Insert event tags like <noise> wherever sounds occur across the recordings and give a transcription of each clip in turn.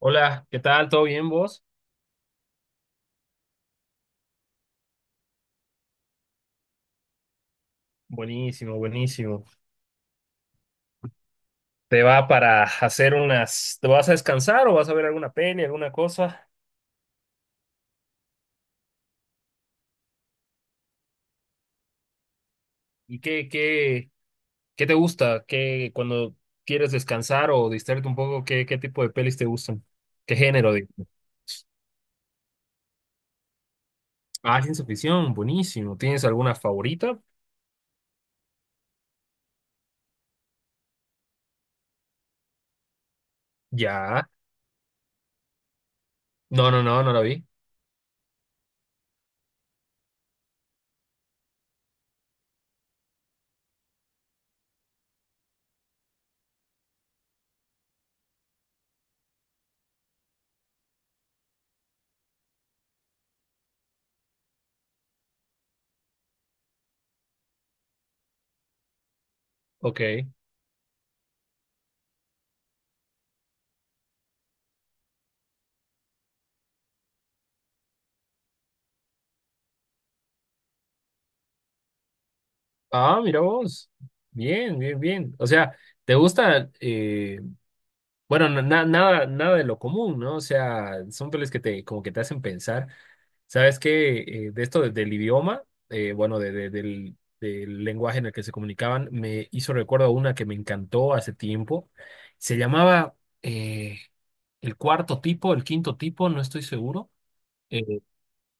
Hola, ¿qué tal? ¿Todo bien vos? Buenísimo, buenísimo. ¿Te va para hacer unas, te vas a descansar o vas a ver alguna peli, alguna cosa? ¿Y qué te gusta? ¿Qué, cuando quieres descansar o distraerte un poco, qué tipo de pelis te gustan? ¿Qué género, digo? Ah, ciencia ficción, buenísimo. ¿Tienes alguna favorita? Ya. No, no, no, no la vi. Ok. Ah, mira vos. Bien, bien, bien. O sea, ¿te gusta? Bueno, nada de lo común, ¿no? O sea, son pelis que te, como que te hacen pensar. ¿Sabes qué? De esto del idioma, bueno, del, del lenguaje en el que se comunicaban, me hizo recuerdo a una que me encantó hace tiempo. Se llamaba eh, El Cuarto Tipo, El Quinto Tipo, no estoy seguro. Eh,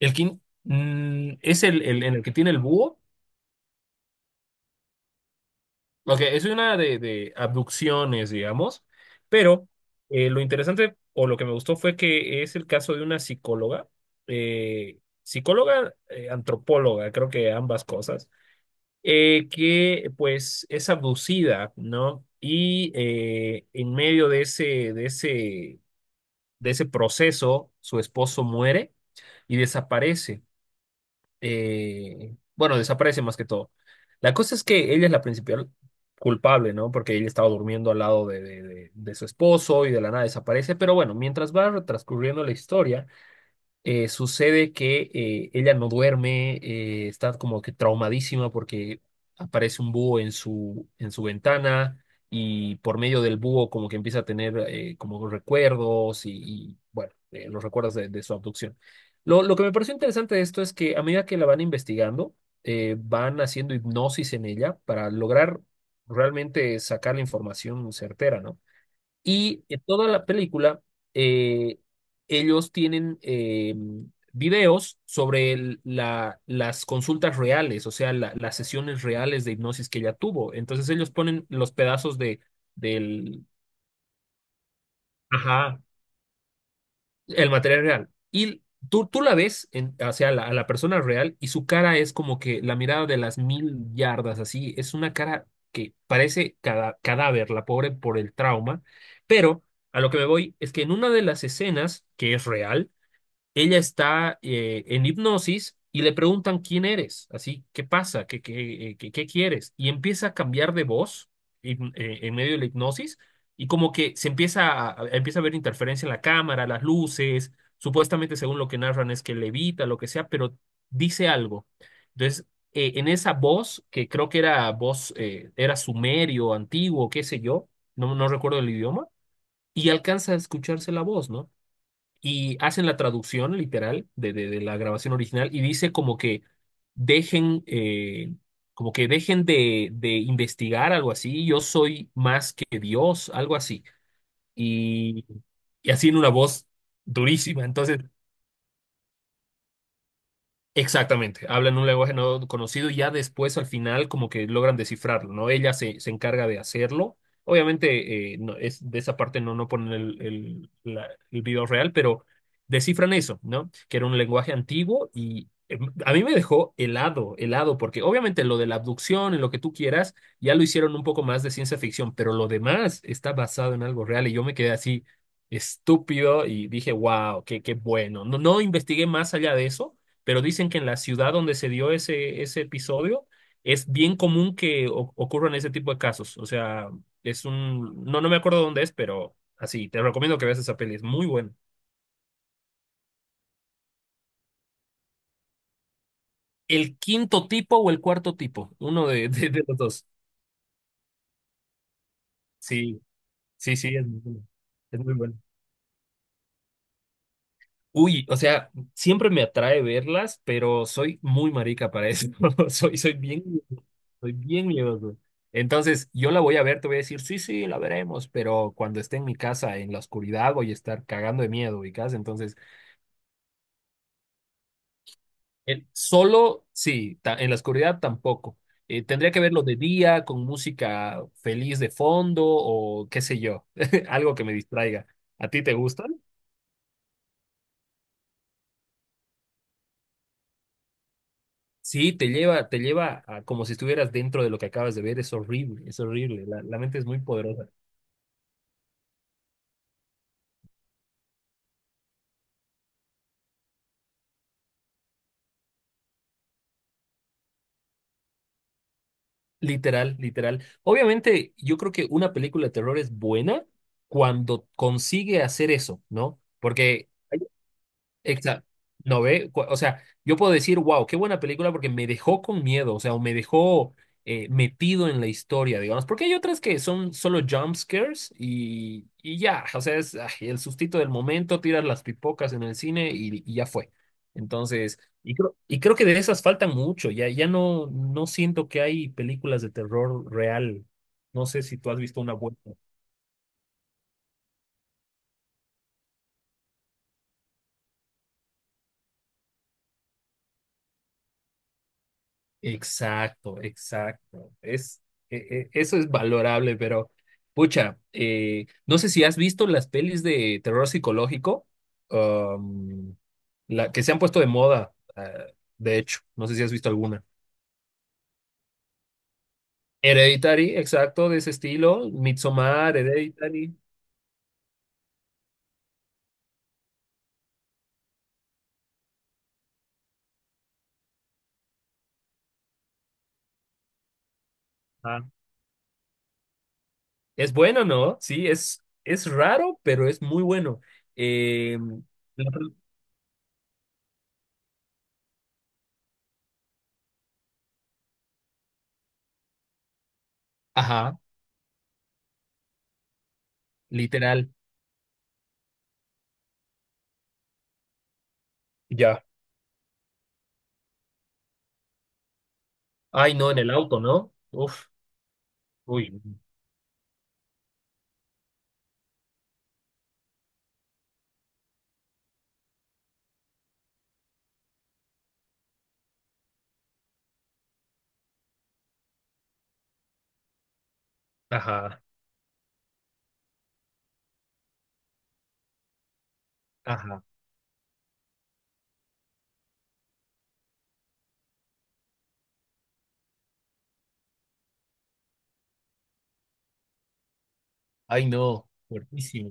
es el en el que tiene el búho. Ok, es una de abducciones, digamos, pero lo interesante o lo que me gustó fue que es el caso de una psicóloga, psicóloga, antropóloga, creo que ambas cosas, que pues es abducida, ¿no? Y en medio de ese, de ese, de ese proceso, su esposo muere y desaparece bueno, desaparece más que todo. La cosa es que ella es la principal culpable, ¿no? Porque ella estaba durmiendo al lado de su esposo y de la nada desaparece. Pero bueno, mientras va transcurriendo la historia, sucede que ella no duerme, está como que traumadísima porque aparece un búho en su ventana y por medio del búho como que empieza a tener como recuerdos y, bueno, los recuerdos de su abducción. Lo que me pareció interesante de esto es que a medida que la van investigando, van haciendo hipnosis en ella para lograr realmente sacar la información certera, ¿no? Y en toda la película, eh, ellos tienen videos sobre las consultas reales, o sea, las sesiones reales de hipnosis que ella tuvo. Entonces ellos ponen los pedazos del ajá. El material real. Y tú la ves en, hacia la, a la persona real y su cara es como que la mirada de las mil yardas, así. Es una cara que parece cadáver, la pobre por el trauma. Pero a lo que me voy es que en una de las escenas, que es real, ella está en hipnosis y le preguntan quién eres, así, ¿qué pasa? ¿Qué, qué quieres? Y empieza a cambiar de voz en medio de la hipnosis y como que se empieza a empieza a ver interferencia en la cámara, las luces, supuestamente según lo que narran es que levita, lo que sea, pero dice algo. Entonces, en esa voz, que creo que era voz, era sumerio, antiguo, qué sé yo, no, no recuerdo el idioma, y alcanza a escucharse la voz, ¿no? Y hacen la traducción literal de la grabación original y dice dejen, eh, como que dejen de investigar algo así, yo soy más que Dios, algo así. Y, y así en una voz durísima. Entonces, exactamente, hablan un lenguaje no conocido y ya después al final como que logran descifrarlo, ¿no? Ella se, se encarga de hacerlo. Obviamente no, es, de esa parte no, no ponen el video real, pero descifran eso, ¿no? Que era un lenguaje antiguo y a mí me dejó helado, helado, porque obviamente lo de la abducción y lo que tú quieras ya lo hicieron un poco más de ciencia ficción, pero lo demás está basado en algo real y yo me quedé así estúpido y dije, wow, qué, qué bueno. No, no investigué más allá de eso pero dicen que en la ciudad donde se dio ese, ese episodio es bien común que ocurran ese tipo de casos. O sea, es un, no, no me acuerdo dónde es, pero así, te recomiendo que veas esa peli, es muy buena. ¿El quinto tipo o el cuarto tipo? Uno de, <laughs> de los dos. Sí, sí, sí, es muy bueno. Es muy bueno. Uy, o sea, siempre me atrae verlas, pero soy muy marica para eso. <laughs> Soy, soy bien miedoso. Entonces, yo la voy a ver, te voy a decir, sí, sí, la veremos, pero cuando esté en mi casa, en la oscuridad, voy a estar cagando de miedo, ubicás. Entonces, solo, sí, en la oscuridad tampoco. Tendría que verlo de día, con música feliz de fondo o qué sé yo, <laughs> algo que me distraiga. ¿A ti te gusta? Sí, te lleva a como si estuvieras dentro de lo que acabas de ver. Es horrible, es horrible. La mente es muy poderosa. Literal, literal. Obviamente, yo creo que una película de terror es buena cuando consigue hacer eso, ¿no? Porque exacto. No ve, o sea, yo puedo decir, wow, qué buena película porque me dejó con miedo, o sea, o me dejó metido en la historia, digamos, porque hay otras que son solo jump scares y ya, o sea, es ay, el sustito del momento, tiras las pipocas en el cine y ya fue. Entonces, y creo que de esas faltan mucho, ya, ya no, no siento que hay películas de terror real. No sé si tú has visto una buena. Exacto, exacto. Es, eso es valorable, pero pucha, no sé si has visto las pelis de terror psicológico, um, la, que se han puesto de moda, de hecho, no sé si has visto alguna. Hereditary, exacto, de ese estilo, Midsommar, Hereditary. Ah. Es bueno, ¿no? Sí, es raro, pero es muy bueno. Eh, la- ajá, literal. Ya. Ay, no, en el auto, ¿no? Uf, uy. Ajá, ajá. Ay, no, fuertísimo,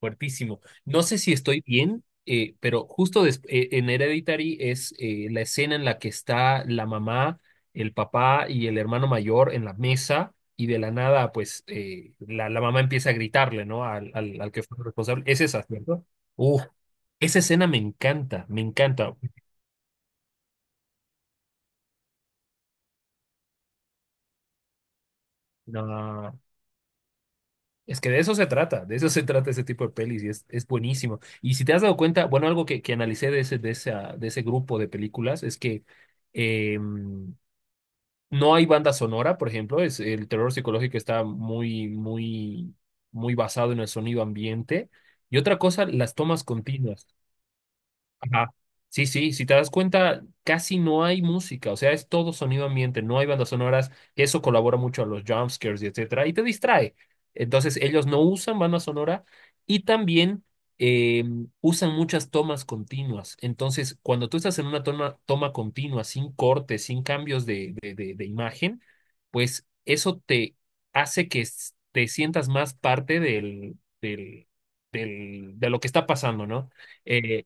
fuertísimo. No sé si estoy bien, pero justo en Hereditary es la escena en la que está la mamá, el papá y el hermano mayor en la mesa y de la nada, pues la mamá empieza a gritarle, ¿no? Al que fue responsable. Es esa, ¿cierto? Uf, esa escena me encanta, me encanta. No. Es que de eso se trata, de eso se trata ese tipo de pelis y es buenísimo. Y si te has dado cuenta, bueno, algo que analicé de ese, de ese grupo de películas es que eh, no hay banda sonora, por ejemplo, es, el terror psicológico está muy, muy, muy basado en el sonido ambiente. Y otra cosa, las tomas continuas. Ajá. Sí, sí, si te das cuenta, casi no hay música, o sea, es todo sonido ambiente, no hay bandas sonoras, y eso colabora mucho a los jumpscares y etcétera, y te distrae. Entonces, ellos no usan banda sonora y también eh, usan muchas tomas continuas. Entonces, cuando tú estás en una toma continua, sin cortes, sin cambios de imagen, pues eso te hace que te sientas más parte del, de lo que está pasando, ¿no? Eh,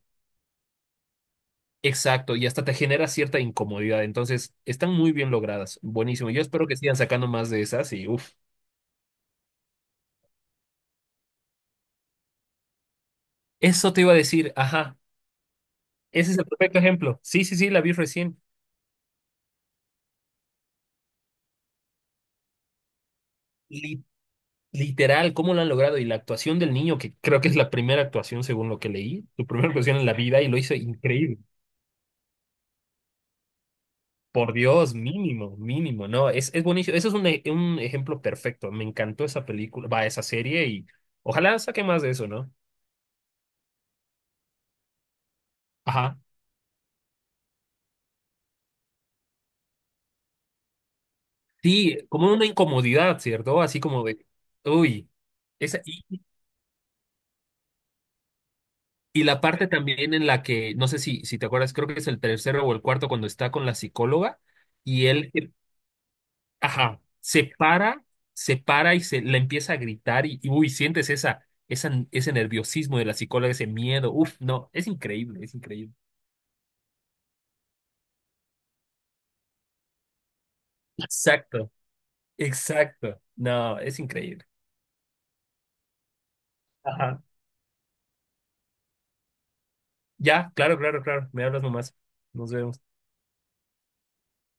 Exacto, y hasta te genera cierta incomodidad. Entonces, están muy bien logradas. Buenísimo. Yo espero que sigan sacando más de esas y uff. Eso te iba a decir, ajá. Ese es el perfecto ejemplo. Sí, sí, sí, la vi recién. Li- literal, cómo lo han logrado. Y la actuación del niño, que creo que es la primera actuación según lo que leí, su primera actuación en la vida y lo hizo increíble. Por Dios, mínimo, mínimo. No, es buenísimo. Eso es un, un ejemplo perfecto. Me encantó esa película, va, esa serie y ojalá saque más de eso, ¿no? Ajá. Sí, como una incomodidad, ¿cierto? Así como de, uy, esa, y la parte también en la que, no sé si, si te acuerdas, creo que es el tercero o el cuarto cuando está con la psicóloga y él, ajá, se para, se para y se le empieza a gritar y, uy, sientes esa, esa, ese nerviosismo de la psicóloga, ese miedo, uf, no, es increíble, es increíble. Exacto, exacto, no, es increíble. Ajá. Ya, claro, claro, claro, me hablas nomás, nos vemos.